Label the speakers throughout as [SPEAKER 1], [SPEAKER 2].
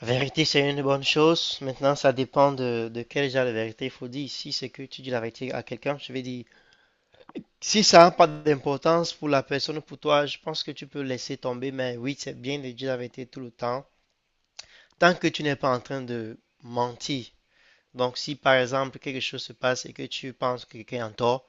[SPEAKER 1] La vérité, c'est une bonne chose. Maintenant, ça dépend de quel genre de vérité il faut dire. Si c'est que tu dis la vérité à quelqu'un, je vais dire. Si ça n'a pas d'importance pour la personne ou pour toi, je pense que tu peux laisser tomber. Mais oui, c'est bien de dire la vérité tout le temps, tant que tu n'es pas en train de mentir. Donc, si par exemple quelque chose se passe et que tu penses que quelqu'un est en tort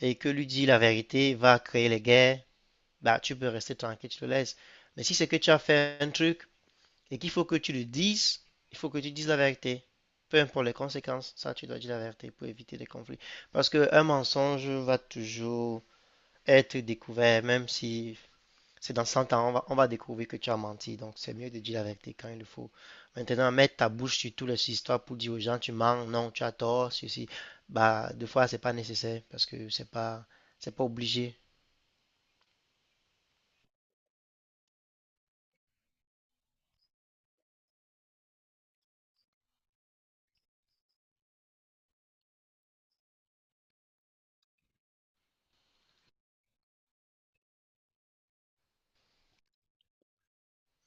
[SPEAKER 1] et que lui dit la vérité va créer les guerres, bah, tu peux rester tranquille, tu le laisses. Mais si c'est que tu as fait un truc et qu'il faut que tu le dises, il faut que tu dises la vérité. Peu importe les conséquences, ça, tu dois dire la vérité pour éviter les conflits. Parce qu'un mensonge va toujours être découvert, même si c'est dans 100 ans, on va découvrir que tu as menti. Donc, c'est mieux de dire la vérité quand il le faut. Maintenant, mettre ta bouche sur toutes les histoires pour dire aux gens, tu mens, non, tu as tort, ceci. Bah, des fois, c'est pas nécessaire parce que c'est pas obligé.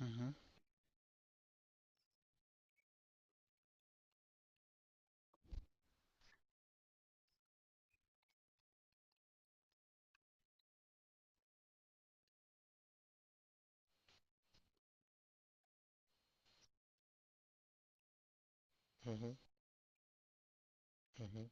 [SPEAKER 1] Mhm. Mhm, mhm.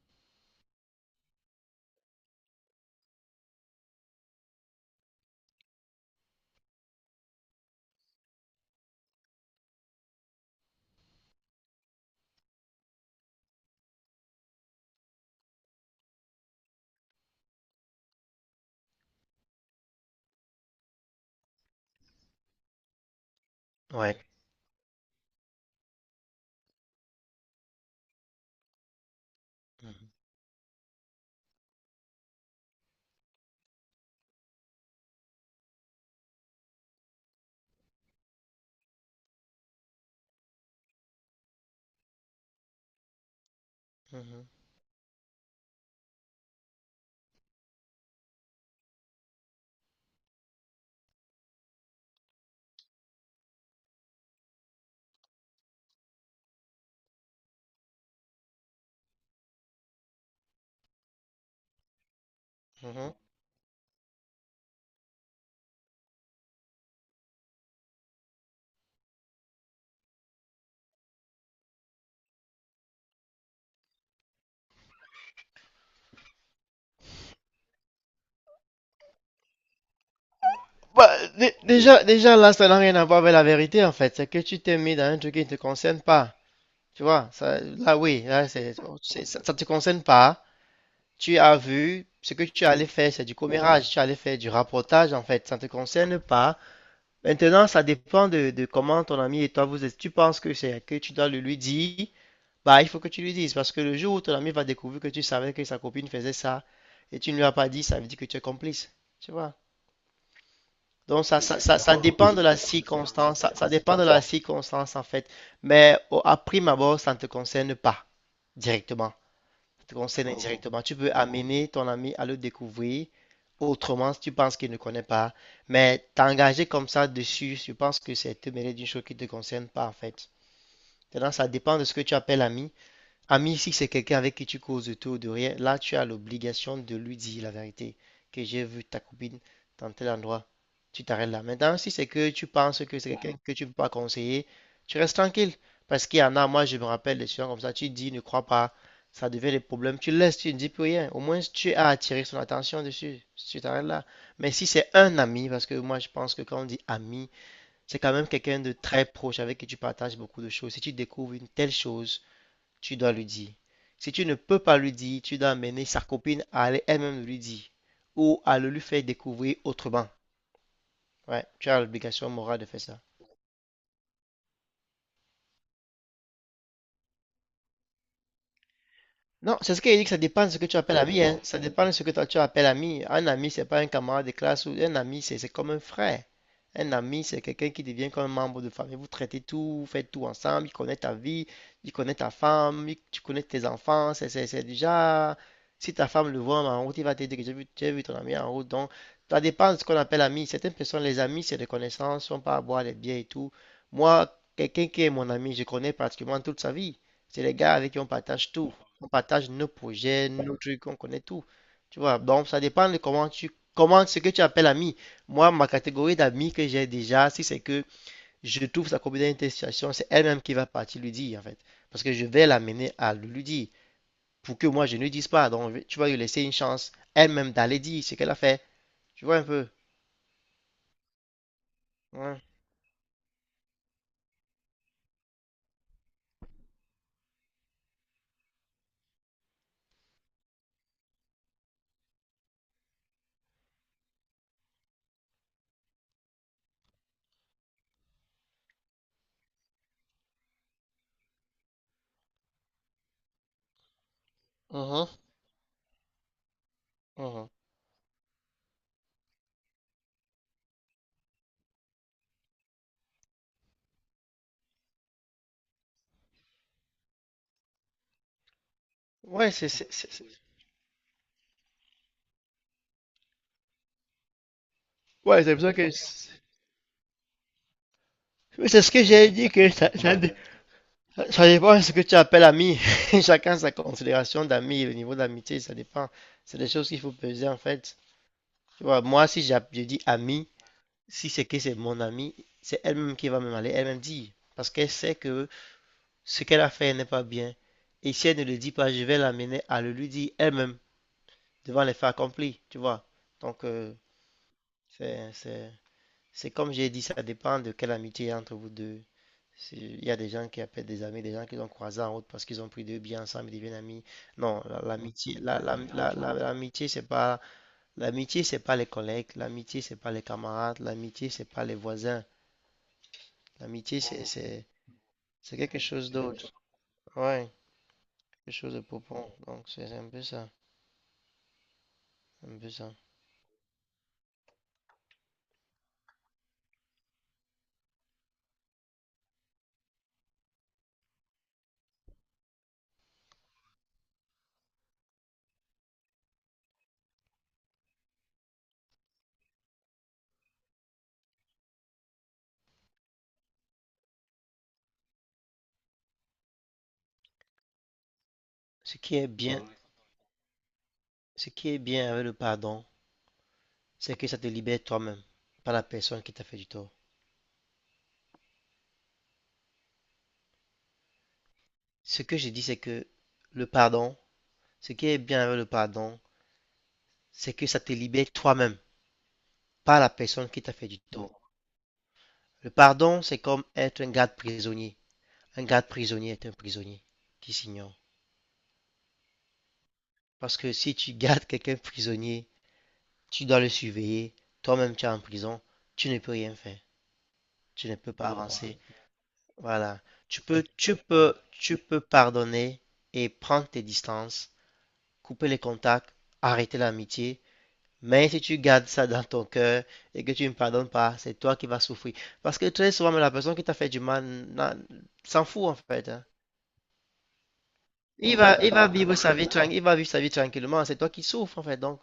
[SPEAKER 1] Ouais. Mhm, mhm, mhm. Bah, déjà là, ça n'a rien à voir avec la vérité en fait. C'est que tu t'es mis dans un truc qui ne te concerne pas. Tu vois, ça, là oui, là, ça ne te concerne pas. Tu as vu, ce que tu allais faire, c'est du commérage, tu allais faire du rapportage en fait, ça ne te concerne pas. Maintenant, ça dépend de comment ton ami et toi vous êtes. Tu penses que c'est que tu dois le lui dire, bah il faut que tu lui dises parce que le jour où ton ami va découvrir que tu savais que sa copine faisait ça et tu ne lui as pas dit, ça veut dire que tu es complice. Tu vois. Donc ça dépend de la circonstance, ça dépend de la circonstance en fait. Mais à prime abord, ça ne te concerne pas directement. Ça te concerne indirectement. Tu peux amener ton ami à le découvrir autrement si tu penses qu'il ne connaît pas. Mais t'engager comme ça dessus, je pense que c'est te mêler d'une chose qui ne te concerne pas en fait. Maintenant, ça dépend de ce que tu appelles ami. Ami, si c'est quelqu'un avec qui tu causes de tout ou de rien, là, tu as l'obligation de lui dire la vérité, que j'ai vu ta copine dans tel endroit. Tu t'arrêtes là. Maintenant, si c'est que tu penses que c'est quelqu'un que tu ne peux pas conseiller, tu restes tranquille. Parce qu'il y en a, moi, je me rappelle des gens comme ça, tu dis, ne crois pas, ça devient des problèmes, tu laisses, tu ne dis plus rien. Au moins, tu as attiré son attention dessus, tu t'arrêtes là. Mais si c'est un ami, parce que moi, je pense que quand on dit ami, c'est quand même quelqu'un de très proche avec qui tu partages beaucoup de choses. Si tu découvres une telle chose, tu dois lui dire. Si tu ne peux pas lui dire, tu dois amener sa copine à aller elle-même lui dire ou à le lui faire découvrir autrement. Ouais, tu as l'obligation morale de faire ça. Non, c'est ce qu'il dit que ça dépend de ce que tu appelles ami, hein. Ça dépend de ce que toi tu appelles ami. Un ami, c'est pas un camarade de classe ou un ami, c'est comme un frère. Un ami, c'est quelqu'un qui devient comme un membre de famille. Vous traitez tout, vous faites tout ensemble. Il connaît ta vie, il connaît ta femme, tu connais tes enfants. C'est déjà. Si ta femme le voit en route, il va te dire que j'ai vu ton ami en route. Donc, ça dépend de ce qu'on appelle ami. Certaines personnes, les amis, c'est des connaissances, sont pas à boire des bières et tout. Moi, quelqu'un qui est mon ami, je connais pratiquement toute sa vie. C'est les gars avec qui on partage tout, on partage nos projets, nos trucs, on connaît tout. Tu vois, donc ça dépend de comment ce que tu appelles ami. Moi, ma catégorie d'amis que j'ai déjà, si c'est que je trouve sa copine dans une telle situation, c'est elle-même qui va partir lui dire en fait. Parce que je vais l'amener à lui dire pour que moi je ne dise pas. Donc tu vas lui laisser une chance elle-même d'aller dire ce qu'elle a fait. Tu vois un peu. Ouais. Mhm, mhm. Ouais, ouais, c'est pour ça que oui, c'est ce que j'ai dit que ça dépend de ce que tu appelles ami. Chacun sa considération d'ami, le niveau d'amitié, ça dépend. C'est des choses qu'il faut peser en fait. Tu vois, moi, si je dis ami, si c'est que c'est mon ami, c'est elle-même qui va me aller elle-même dire. Parce qu'elle sait que ce qu'elle a fait n'est pas bien. Et si elle ne le dit pas, je vais l'amener à le lui dire elle-même, devant les faits accomplis, tu vois. Donc, c'est, c'est, c'est comme j'ai dit, ça dépend de quelle amitié il y a entre vous deux. Il y a des gens qui appellent des amis, des gens qu'ils ont croisés en route parce qu'ils ont pris deux bières ensemble, ils deviennent amis. Non, l'amitié, l'amitié, c'est pas les collègues, l'amitié, c'est pas les camarades, l'amitié, c'est pas les voisins. L'amitié, c'est quelque chose d'autre. Ouais, quelque chose de profond. Donc, c'est un peu ça, un peu ça. Ce qui est bien, ce qui est bien avec le pardon, c'est que ça te libère toi-même, pas la personne qui t'a fait du tort. Ce que j'ai dit, c'est que le pardon, ce qui est bien avec le pardon, c'est que ça te libère toi-même, pas la personne qui t'a fait du tort. Le pardon, c'est comme être un garde prisonnier. Un garde prisonnier est un prisonnier qui s'ignore. Parce que si tu gardes quelqu'un prisonnier, tu dois le surveiller. Toi-même, tu es en prison, tu ne peux rien faire. Tu ne peux pas avancer. Voilà. Tu peux pardonner et prendre tes distances, couper les contacts, arrêter l'amitié. Mais si tu gardes ça dans ton cœur et que tu ne me pardonnes pas, c'est toi qui vas souffrir. Parce que très souvent, la personne qui t'a fait du mal s'en fout en fait, hein. Il va vivre sa vie tranquille, il va vivre sa vie tranquillement. C'est toi qui souffres en fait. Donc,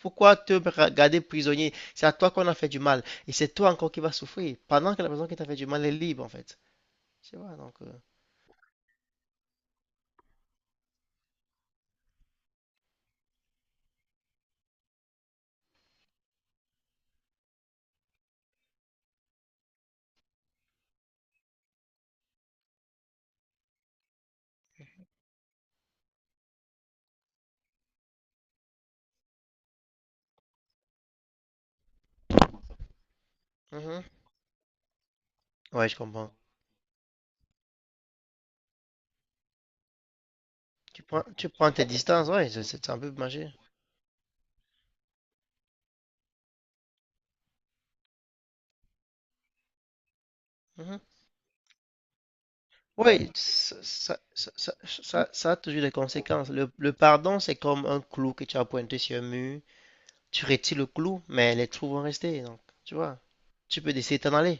[SPEAKER 1] pourquoi te garder prisonnier? C'est à toi qu'on a fait du mal et c'est toi encore qui vas souffrir pendant que la personne qui t'a fait du mal est libre en fait. Je sais pas. Donc, mhm. Ouais, je comprends. Tu prends tes distances. Ouais, c'est un peu magique. Mhm. Oui, ça a toujours des conséquences. Le pardon, c'est comme un clou que tu as pointé sur un mur. Tu retires le clou, mais les trous vont rester. Donc, tu vois, tu peux décider de t'en aller,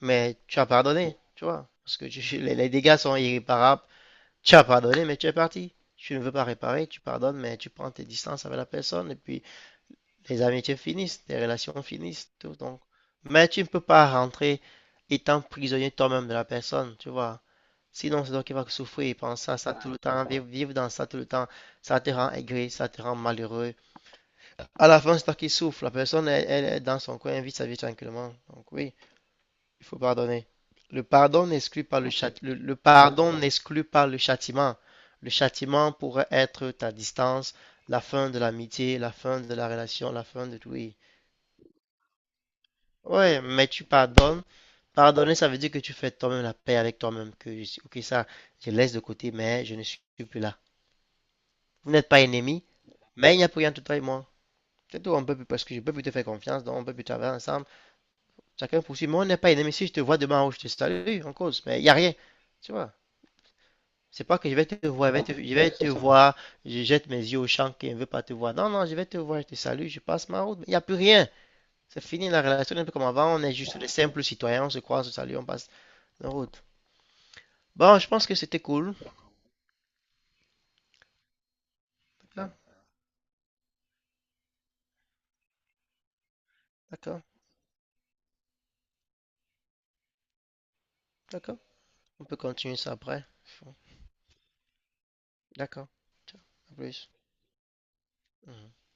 [SPEAKER 1] mais tu as pardonné, tu vois, parce que les dégâts sont irréparables. Tu as pardonné, mais tu es parti. Tu ne veux pas réparer, tu pardonnes, mais tu prends tes distances avec la personne, et puis les amitiés finissent, les relations finissent, tout. Donc, mais tu ne peux pas rentrer étant prisonnier toi-même de la personne, tu vois. Sinon, c'est toi qui vas souffrir, penser à ça tout le temps, vivre dans ça tout le temps. Ça te rend aigri, ça te rend malheureux. À la fin, c'est toi qui souffre. La personne, elle, elle est dans son coin, elle vit sa vie tranquillement. Donc oui, il faut pardonner. Le pardon n'exclut pas le châtiment. Le châtiment pourrait être ta distance, la fin de l'amitié, la fin de la relation, la fin de tout. Oui, ouais, mais tu pardonnes. Pardonner, ça veut dire que tu fais toi-même la paix avec toi-même. Ok, ça, je laisse de côté, mais je ne suis plus là. Vous n'êtes pas ennemis, mais il n'y a plus rien entre toi et moi. C'est tout, on peut plus, parce que je peux plus te faire confiance, donc on peut plus travailler ensemble. Chacun poursuit. Moi, on n'est pas ennemis. Si je te vois demain ou je te salue, on cause. Mais il n'y a rien. Tu vois. C'est pas que je vais te voir, je vais te voir, je jette mes yeux au champ qui ne veut pas te voir. Non, non, je vais te voir, je te salue, je passe ma route, mais il n'y a plus rien. C'est fini la relation, n'est un peu comme avant. On est juste des simples citoyens, on se croise, on se salue, on passe nos routes. Bon, je pense que c'était cool. Hein? D'accord, d'accord. On peut continuer ça après. D'accord. Ciao. À plus. Mhm.